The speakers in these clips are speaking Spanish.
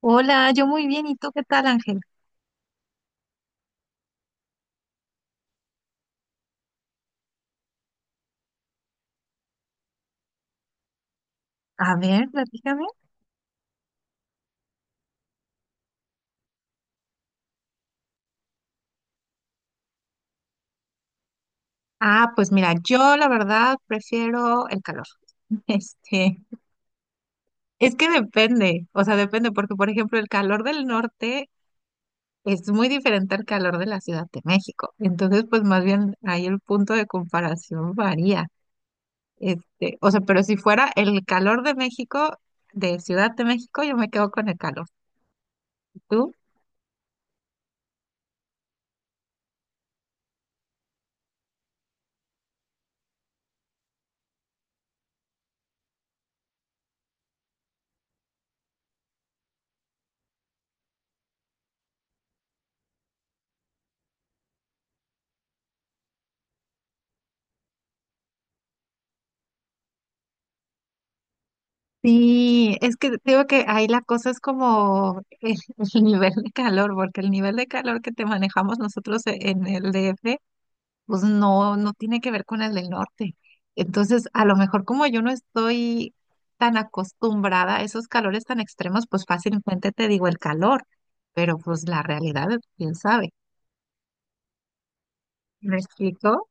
Hola, yo muy bien. ¿Y tú qué tal, Ángel? A ver, platícame. Ah, pues mira, yo la verdad prefiero el calor. Este, es que depende, o sea, depende, porque por ejemplo, el calor del norte es muy diferente al calor de la Ciudad de México. Entonces, pues más bien ahí el punto de comparación varía. Este, o sea, pero si fuera el calor de México, de Ciudad de México, yo me quedo con el calor. ¿Y tú? Sí, es que digo que ahí la cosa es como el nivel de calor, porque el nivel de calor que te manejamos nosotros en el DF, pues no, no tiene que ver con el del norte. Entonces, a lo mejor como yo no estoy tan acostumbrada a esos calores tan extremos, pues fácilmente te digo el calor, pero pues la realidad, quién sabe. ¿Me explico?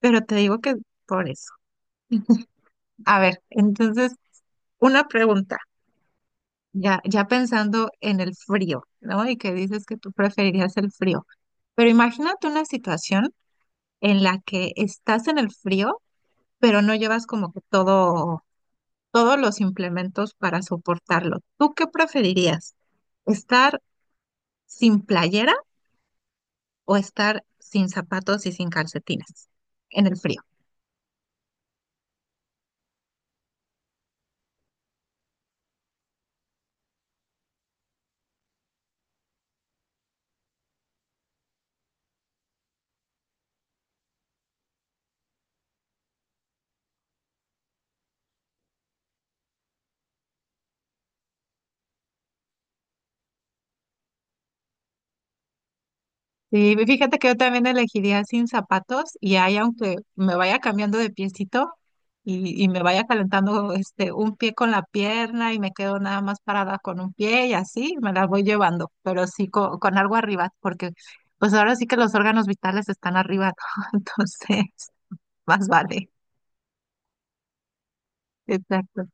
Pero te digo que por eso. A ver, entonces, una pregunta. Ya pensando en el frío, ¿no? Y que dices que tú preferirías el frío. Pero imagínate una situación en la que estás en el frío, pero no llevas como que todos los implementos para soportarlo. ¿Tú qué preferirías? ¿Estar sin playera o estar sin zapatos y sin calcetines en el frío? Sí, fíjate que yo también elegiría sin zapatos y ahí aunque me vaya cambiando de piecito y me vaya calentando este un pie con la pierna y me quedo nada más parada con un pie y así me las voy llevando, pero sí con, algo arriba, porque pues ahora sí que los órganos vitales están arriba, ¿no? Entonces más vale. Exacto.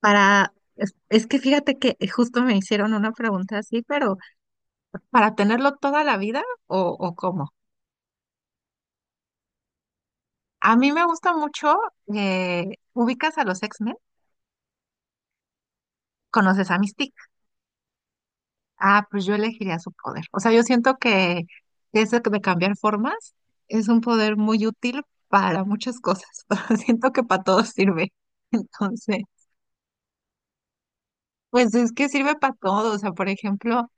Es que fíjate que justo me hicieron una pregunta así, pero ¿para tenerlo toda la vida o cómo? A mí me gusta mucho, eh, ubicas a los X-Men, conoces a Mystique. Ah, pues yo elegiría su poder. O sea, yo siento que ese de cambiar formas es un poder muy útil para muchas cosas. Pero siento que para todo sirve. Entonces, pues es que sirve para todo. O sea, por ejemplo,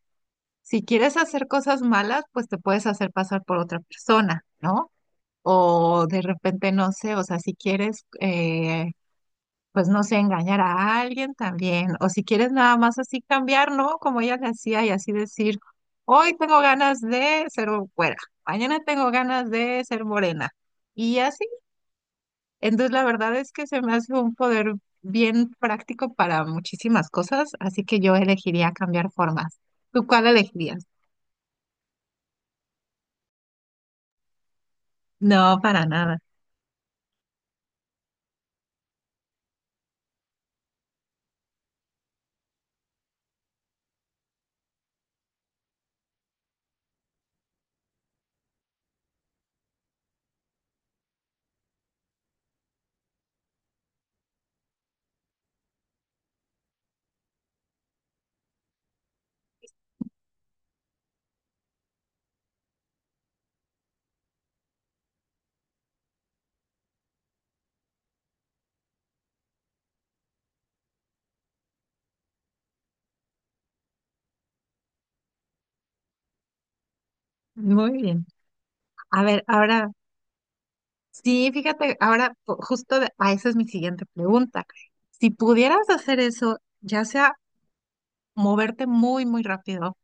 si quieres hacer cosas malas, pues te puedes hacer pasar por otra persona, ¿no? O de repente, no sé, o sea, si quieres... pues no sé, engañar a alguien también, o si quieres nada más así cambiar, ¿no? Como ella le hacía y así decir, hoy tengo ganas de ser güera, mañana tengo ganas de ser morena, y así. Entonces la verdad es que se me hace un poder bien práctico para muchísimas cosas, así que yo elegiría cambiar formas. ¿Tú cuál elegirías? No, para nada. Muy bien. A ver, ahora... Sí, fíjate, ahora a esa es mi siguiente pregunta. Si pudieras hacer eso, ya sea moverte muy, muy rápido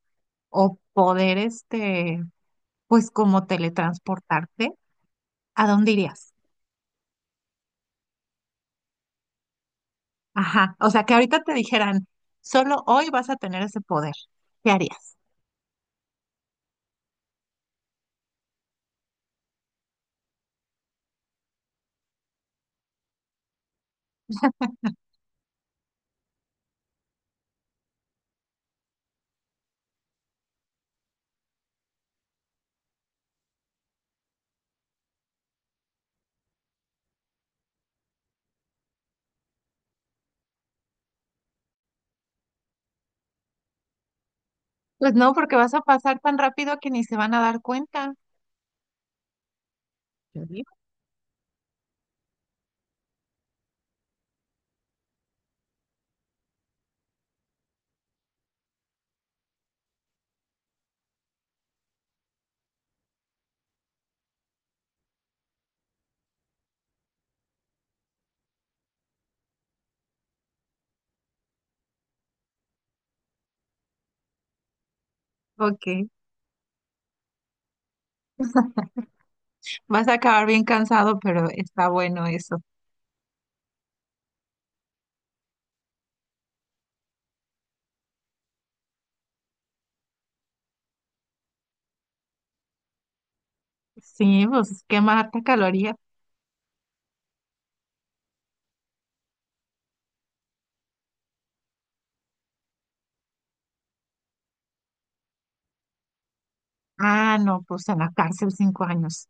o poder, este, pues como teletransportarte, ¿a dónde irías? Ajá, o sea, que ahorita te dijeran, solo hoy vas a tener ese poder, ¿qué harías? Pues no, porque vas a pasar tan rápido que ni se van a dar cuenta. Yo digo, ok, vas a acabar bien cansado, pero está bueno eso. Sí, pues quemarte calorías. Ah, no, pues en la cárcel 5 años.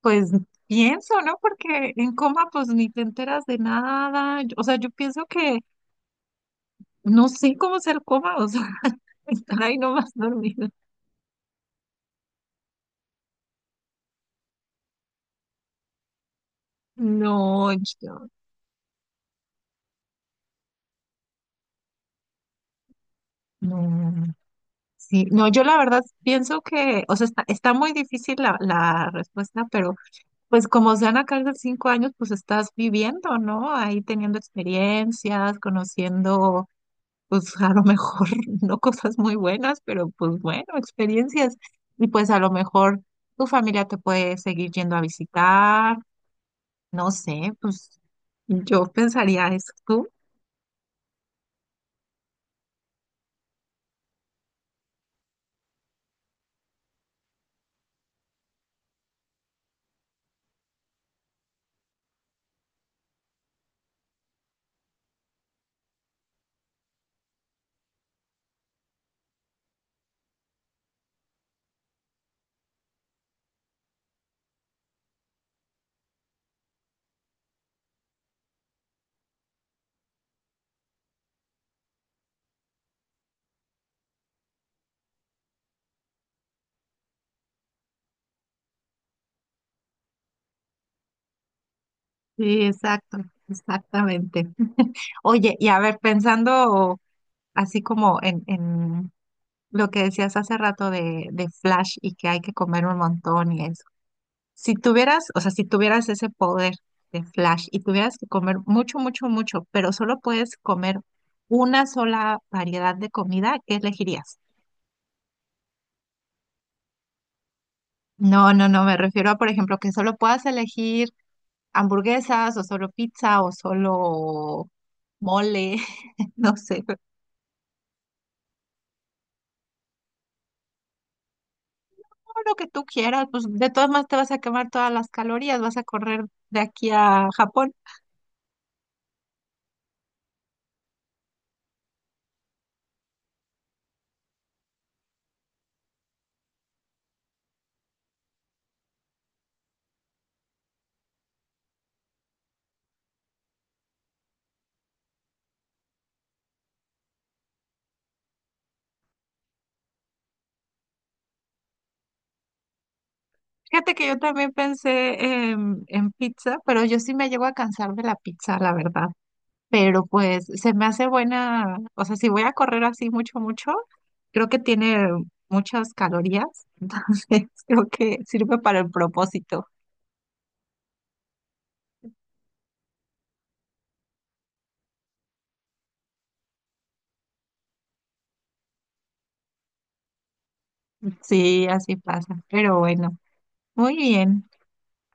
Pues pienso, ¿no? Porque en coma pues ni te enteras de nada. O sea, yo pienso que no sé cómo ser coma, o sea, estar ahí nomás dormido. No, yo, no. Sí, no, yo la verdad pienso que, o sea, está muy difícil la respuesta, pero pues como sean en cárcel 5 años, pues estás viviendo, ¿no? Ahí teniendo experiencias, conociendo pues a lo mejor no cosas muy buenas, pero pues bueno, experiencias. Y pues a lo mejor tu familia te puede seguir yendo a visitar, no sé, pues yo pensaría eso, tú. Sí, exacto, exactamente. Oye, y a ver, pensando así como en lo que decías hace rato de Flash y que hay que comer un montón y eso. Si tuvieras, o sea, si tuvieras ese poder de Flash y tuvieras que comer mucho, mucho, mucho, pero solo puedes comer una sola variedad de comida, ¿qué elegirías? No, no, no, me refiero a, por ejemplo, que solo puedas elegir hamburguesas o solo pizza o solo mole, no sé, pero todo lo que tú quieras, pues de todas maneras te vas a quemar todas las calorías, vas a correr de aquí a Japón. Fíjate que yo también pensé en pizza, pero yo sí me llego a cansar de la pizza, la verdad. Pero pues se me hace buena, o sea, si voy a correr así mucho, mucho, creo que tiene muchas calorías, entonces creo que sirve para el propósito. Sí, así pasa, pero bueno, muy bien.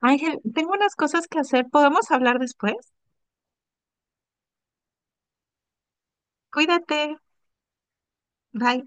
Ángel, tengo unas cosas que hacer, ¿podemos hablar después? Cuídate, bye.